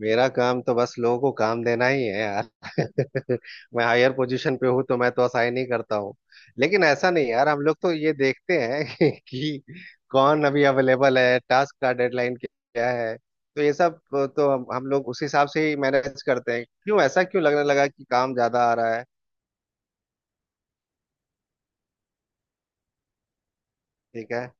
मेरा काम तो बस लोगों को काम देना ही है यार मैं हायर पोजीशन पे हूँ, तो मैं तो असाइन ही करता हूँ। लेकिन ऐसा नहीं यार, हम लोग तो ये देखते हैं कि कौन अभी अवेलेबल है, टास्क का डेडलाइन क्या है। तो ये सब, तो हम लोग उस हिसाब से ही मैनेज करते हैं। क्यों, ऐसा क्यों लगने लगा कि काम ज्यादा आ रहा है? ठीक है।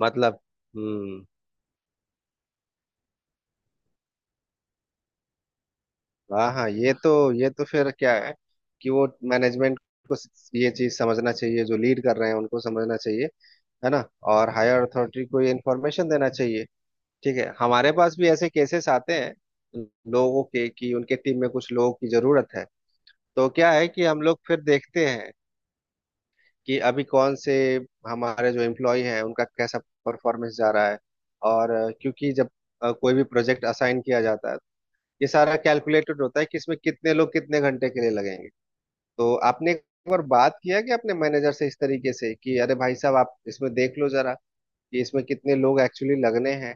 मतलब। हम्म। हाँ हाँ, ये तो फिर क्या है कि वो मैनेजमेंट को ये चीज समझना चाहिए। जो लीड कर रहे हैं उनको समझना चाहिए, है ना। और हायर अथॉरिटी को ये इन्फॉर्मेशन देना चाहिए। ठीक है, हमारे पास भी ऐसे केसेस आते हैं लोगों के, कि उनके टीम में कुछ लोगों की जरूरत है। तो क्या है कि हम लोग फिर देखते हैं कि अभी कौन से हमारे जो एम्प्लॉय हैं उनका कैसा परफॉर्मेंस जा रहा है। और क्योंकि जब कोई भी प्रोजेक्ट असाइन किया जाता है, ये सारा कैलकुलेटेड होता है कि इसमें कितने लोग कितने घंटे के लिए लगेंगे। तो आपने एक बार बात किया कि अपने मैनेजर से इस तरीके से कि अरे भाई साहब, आप इसमें देख लो जरा कि इसमें कितने लोग एक्चुअली लगने हैं।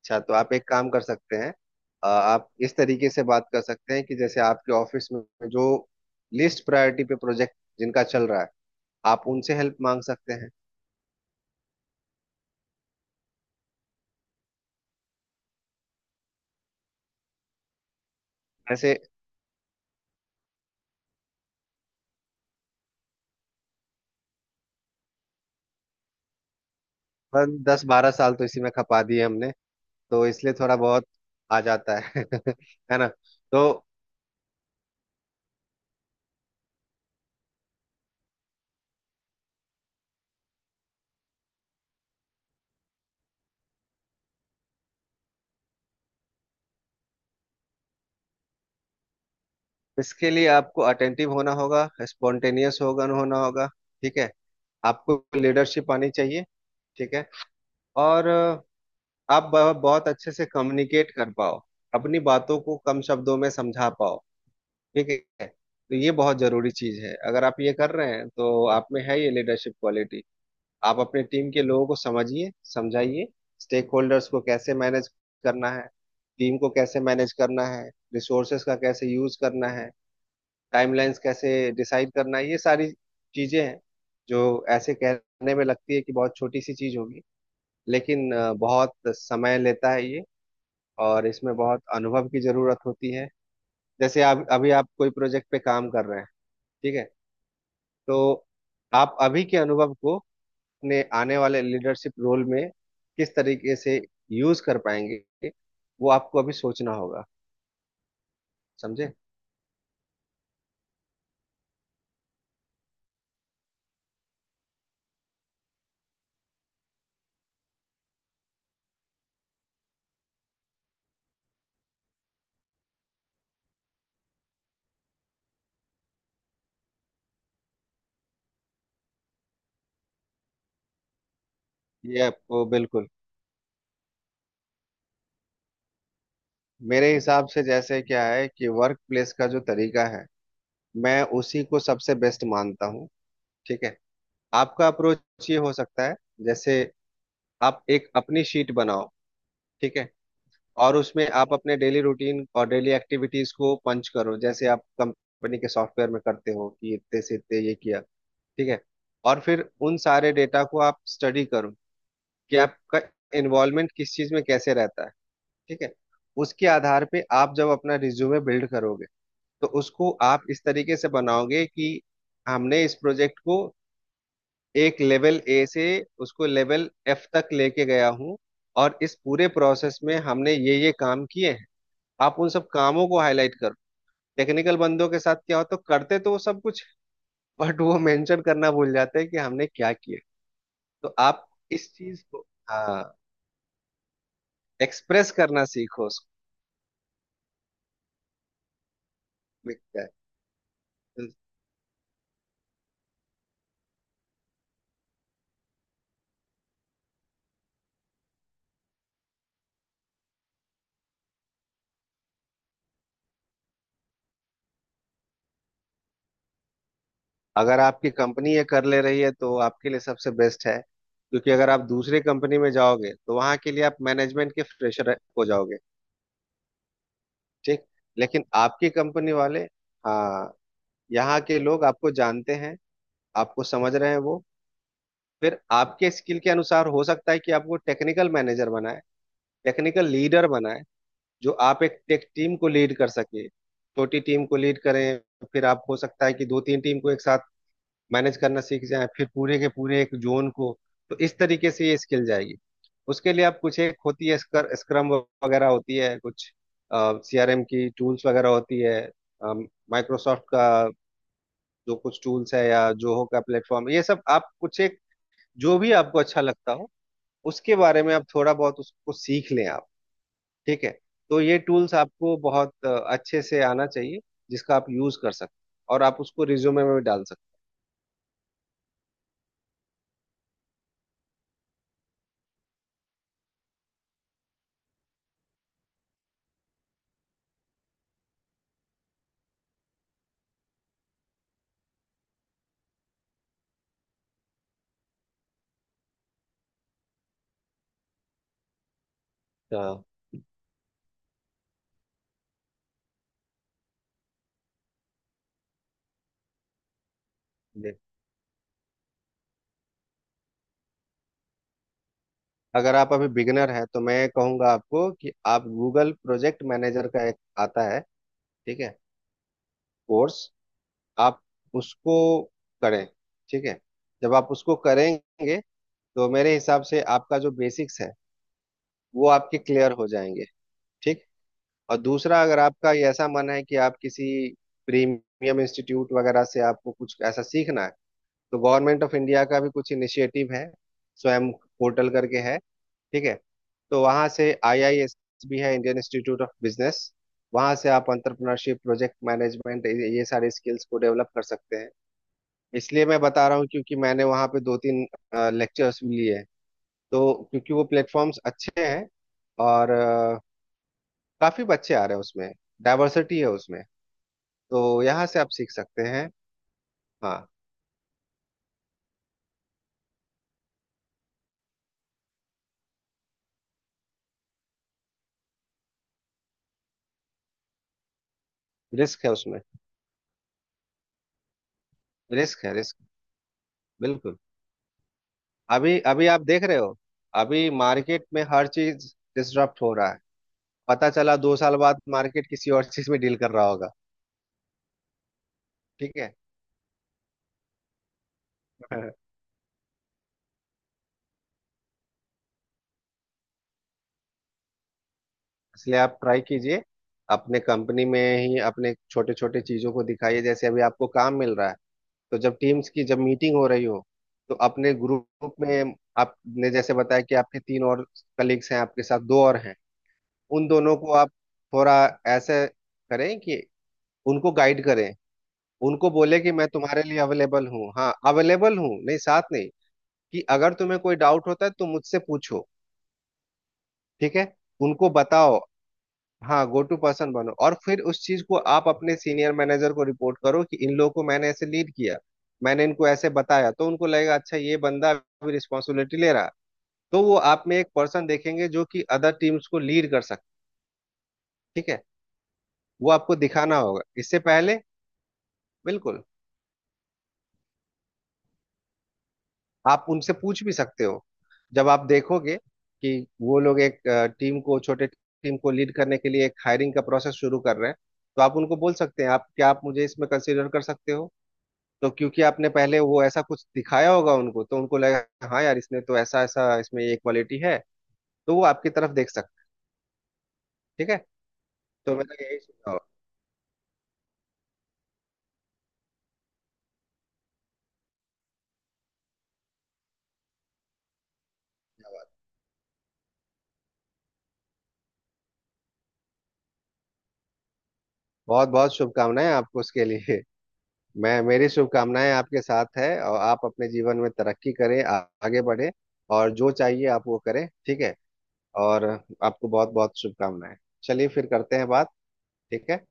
अच्छा, तो आप एक काम कर सकते हैं। आप इस तरीके से बात कर सकते हैं कि जैसे आपके ऑफिस में जो लिस्ट प्रायोरिटी पे प्रोजेक्ट जिनका चल रहा है, आप उनसे हेल्प मांग सकते हैं। ऐसे बस 10-12 साल तो इसी में खपा दिए हमने, तो इसलिए थोड़ा बहुत आ जाता है है ना। तो इसके लिए आपको अटेंटिव होना होगा, स्पॉन्टेनियस होगा, होना होगा। ठीक है। आपको लीडरशिप आनी चाहिए। ठीक है। और आप बहुत अच्छे से कम्युनिकेट कर पाओ, अपनी बातों को कम शब्दों में समझा पाओ। ठीक है, तो ये बहुत जरूरी चीज है। अगर आप ये कर रहे हैं तो आप में है ये लीडरशिप क्वालिटी। आप अपने टीम के लोगों को समझिए, समझाइए। स्टेक होल्डर्स को कैसे मैनेज करना है, टीम को कैसे मैनेज करना है, रिसोर्सेस का कैसे यूज करना है, टाइमलाइंस कैसे डिसाइड करना है, ये सारी चीजें हैं जो ऐसे कहने में लगती है कि बहुत छोटी सी चीज होगी, लेकिन बहुत समय लेता है ये, और इसमें बहुत अनुभव की जरूरत होती है। जैसे आप अभी, आप कोई प्रोजेक्ट पे काम कर रहे हैं। ठीक है। तो आप अभी के अनुभव को अपने आने वाले लीडरशिप रोल में किस तरीके से यूज कर पाएंगे, वो आपको अभी सोचना होगा। समझे। ये आपको बिल्कुल, मेरे हिसाब से जैसे क्या है कि वर्क प्लेस का जो तरीका है, मैं उसी को सबसे बेस्ट मानता हूँ। ठीक है। आपका अप्रोच ये हो सकता है, जैसे आप एक अपनी शीट बनाओ। ठीक है। और उसमें आप अपने डेली रूटीन और डेली एक्टिविटीज को पंच करो, जैसे आप कंपनी के सॉफ्टवेयर में करते हो कि इतने से इतने ये किया। ठीक है। और फिर उन सारे डेटा को आप स्टडी करो कि आपका इन्वॉल्वमेंट किस चीज में कैसे रहता है। ठीक है। उसके आधार पे आप जब अपना रिज्यूमे बिल्ड करोगे, तो उसको आप इस तरीके से बनाओगे कि हमने इस प्रोजेक्ट को एक लेवल ए से उसको लेवल एफ तक लेके गया हूँ, और इस पूरे प्रोसेस में हमने ये काम किए हैं। आप उन सब कामों को हाईलाइट करो। टेक्निकल बंदों के साथ क्या होता, तो करते तो वो सब कुछ, बट वो मेंशन करना भूल जाते हैं कि हमने क्या किया। तो आप इस चीज को, हाँ, एक्सप्रेस करना सीखो उसको भी। क्या है। अगर आपकी कंपनी ये कर ले रही है तो आपके लिए सबसे बेस्ट है, क्योंकि अगर आप दूसरे कंपनी में जाओगे तो वहां के लिए आप मैनेजमेंट के फ्रेशर हो जाओगे। ठीक। लेकिन आपकी कंपनी वाले, हाँ, यहाँ के लोग आपको जानते हैं, आपको समझ रहे हैं वो। फिर आपके स्किल के अनुसार हो सकता है कि आपको टेक्निकल मैनेजर बनाए, टेक्निकल लीडर बनाए, जो आप एक टेक टीम को लीड कर सके, छोटी टीम को लीड करें। फिर आप, हो सकता है कि दो तीन टीम को एक साथ मैनेज करना सीख जाए, फिर पूरे के पूरे एक जोन को। तो इस तरीके से ये स्किल जाएगी। उसके लिए आप, कुछ एक होती है स्क्रम वगैरह होती है कुछ, सीआरएम की टूल्स वगैरह होती है। माइक्रोसॉफ्ट का जो कुछ टूल्स है, या जोहो का प्लेटफॉर्म, ये सब आप कुछ एक जो भी आपको अच्छा लगता हो, उसके बारे में आप थोड़ा बहुत उसको सीख लें आप। ठीक है। तो ये टूल्स आपको बहुत अच्छे से आना चाहिए, जिसका आप यूज कर सकते हैं और आप उसको रिज्यूमे में भी डाल सकते। अच्छा, अगर आप अभी बिगनर हैं तो मैं कहूंगा आपको कि आप गूगल प्रोजेक्ट मैनेजर का एक आता है। ठीक है। कोर्स, आप उसको करें। ठीक है। जब आप उसको करेंगे तो मेरे हिसाब से आपका जो बेसिक्स है वो आपके क्लियर हो जाएंगे। ठीक। और दूसरा, अगर आपका ये ऐसा मन है कि आप किसी प्रीमियम इंस्टीट्यूट वगैरह से आपको कुछ ऐसा सीखना है, तो गवर्नमेंट ऑफ इंडिया का भी कुछ इनिशिएटिव है, स्वयं पोर्टल करके है। ठीक है। तो वहां से आईआईएस भी है, इंडियन इंस्टीट्यूट ऑफ बिजनेस, वहां से आप अंतरप्रनरशिप, प्रोजेक्ट मैनेजमेंट, ये सारे स्किल्स को डेवलप कर सकते हैं। इसलिए मैं बता रहा हूँ क्योंकि मैंने वहां पे दो तीन लेक्चर्स भी लिए हैं, तो क्योंकि वो प्लेटफॉर्म्स अच्छे हैं, और काफी बच्चे आ रहे हैं उसमें, डाइवर्सिटी है उसमें, तो यहाँ से आप सीख सकते हैं। हाँ, रिस्क है उसमें। रिस्क है, रिस्क, बिल्कुल। अभी अभी आप देख रहे हो, अभी मार्केट में हर चीज डिसरप्ट हो रहा है, पता चला 2 साल बाद मार्केट किसी और चीज में डील कर रहा होगा। ठीक है इसलिए आप ट्राई कीजिए, अपने कंपनी में ही अपने छोटे छोटे चीजों को दिखाइए। जैसे अभी आपको काम मिल रहा है, तो जब टीम्स की जब मीटिंग हो रही हो, तो अपने ग्रुप में, आपने जैसे बताया कि आपके तीन और कलीग्स हैं, आपके साथ दो और हैं, उन दोनों को आप थोड़ा ऐसे करें कि उनको गाइड करें। उनको बोले कि मैं तुम्हारे लिए अवेलेबल हूँ, हाँ अवेलेबल हूँ, नहीं साथ नहीं, कि अगर तुम्हें कोई डाउट होता है तो मुझसे पूछो। ठीक है, उनको बताओ। हाँ, गो टू पर्सन बनो, और फिर उस चीज को आप अपने सीनियर मैनेजर को रिपोर्ट करो कि इन लोगों को मैंने ऐसे लीड किया, मैंने इनको ऐसे बताया, तो उनको लगेगा अच्छा ये बंदा भी रिस्पॉन्सिबिलिटी ले रहा। तो वो आप में एक पर्सन देखेंगे जो कि अदर टीम्स को लीड कर सकता। ठीक है। वो आपको दिखाना होगा इससे पहले, बिल्कुल। आप उनसे पूछ भी सकते हो। जब आप देखोगे कि वो लोग एक टीम को, छोटे टीम को लीड करने के लिए एक हायरिंग का प्रोसेस शुरू कर रहे हैं, तो आप उनको बोल सकते हैं, आप क्या, आप मुझे इसमें कंसीडर कर सकते हो? तो क्योंकि आपने पहले वो ऐसा कुछ दिखाया होगा उनको, तो उनको लगा, हाँ यार, इसने तो ऐसा ऐसा, इसमें ये क्वालिटी है, तो वो आपकी तरफ देख सकते हैं, ठीक है। तो मेरा यही सुझाव है। बहुत बहुत शुभकामनाएं आपको उसके लिए। मैं, मेरी शुभकामनाएं आपके साथ है, और आप अपने जीवन में तरक्की करें, आगे बढ़े, और जो चाहिए आप वो करें। ठीक है। और आपको बहुत बहुत शुभकामनाएं। चलिए, फिर करते हैं बात। ठीक है।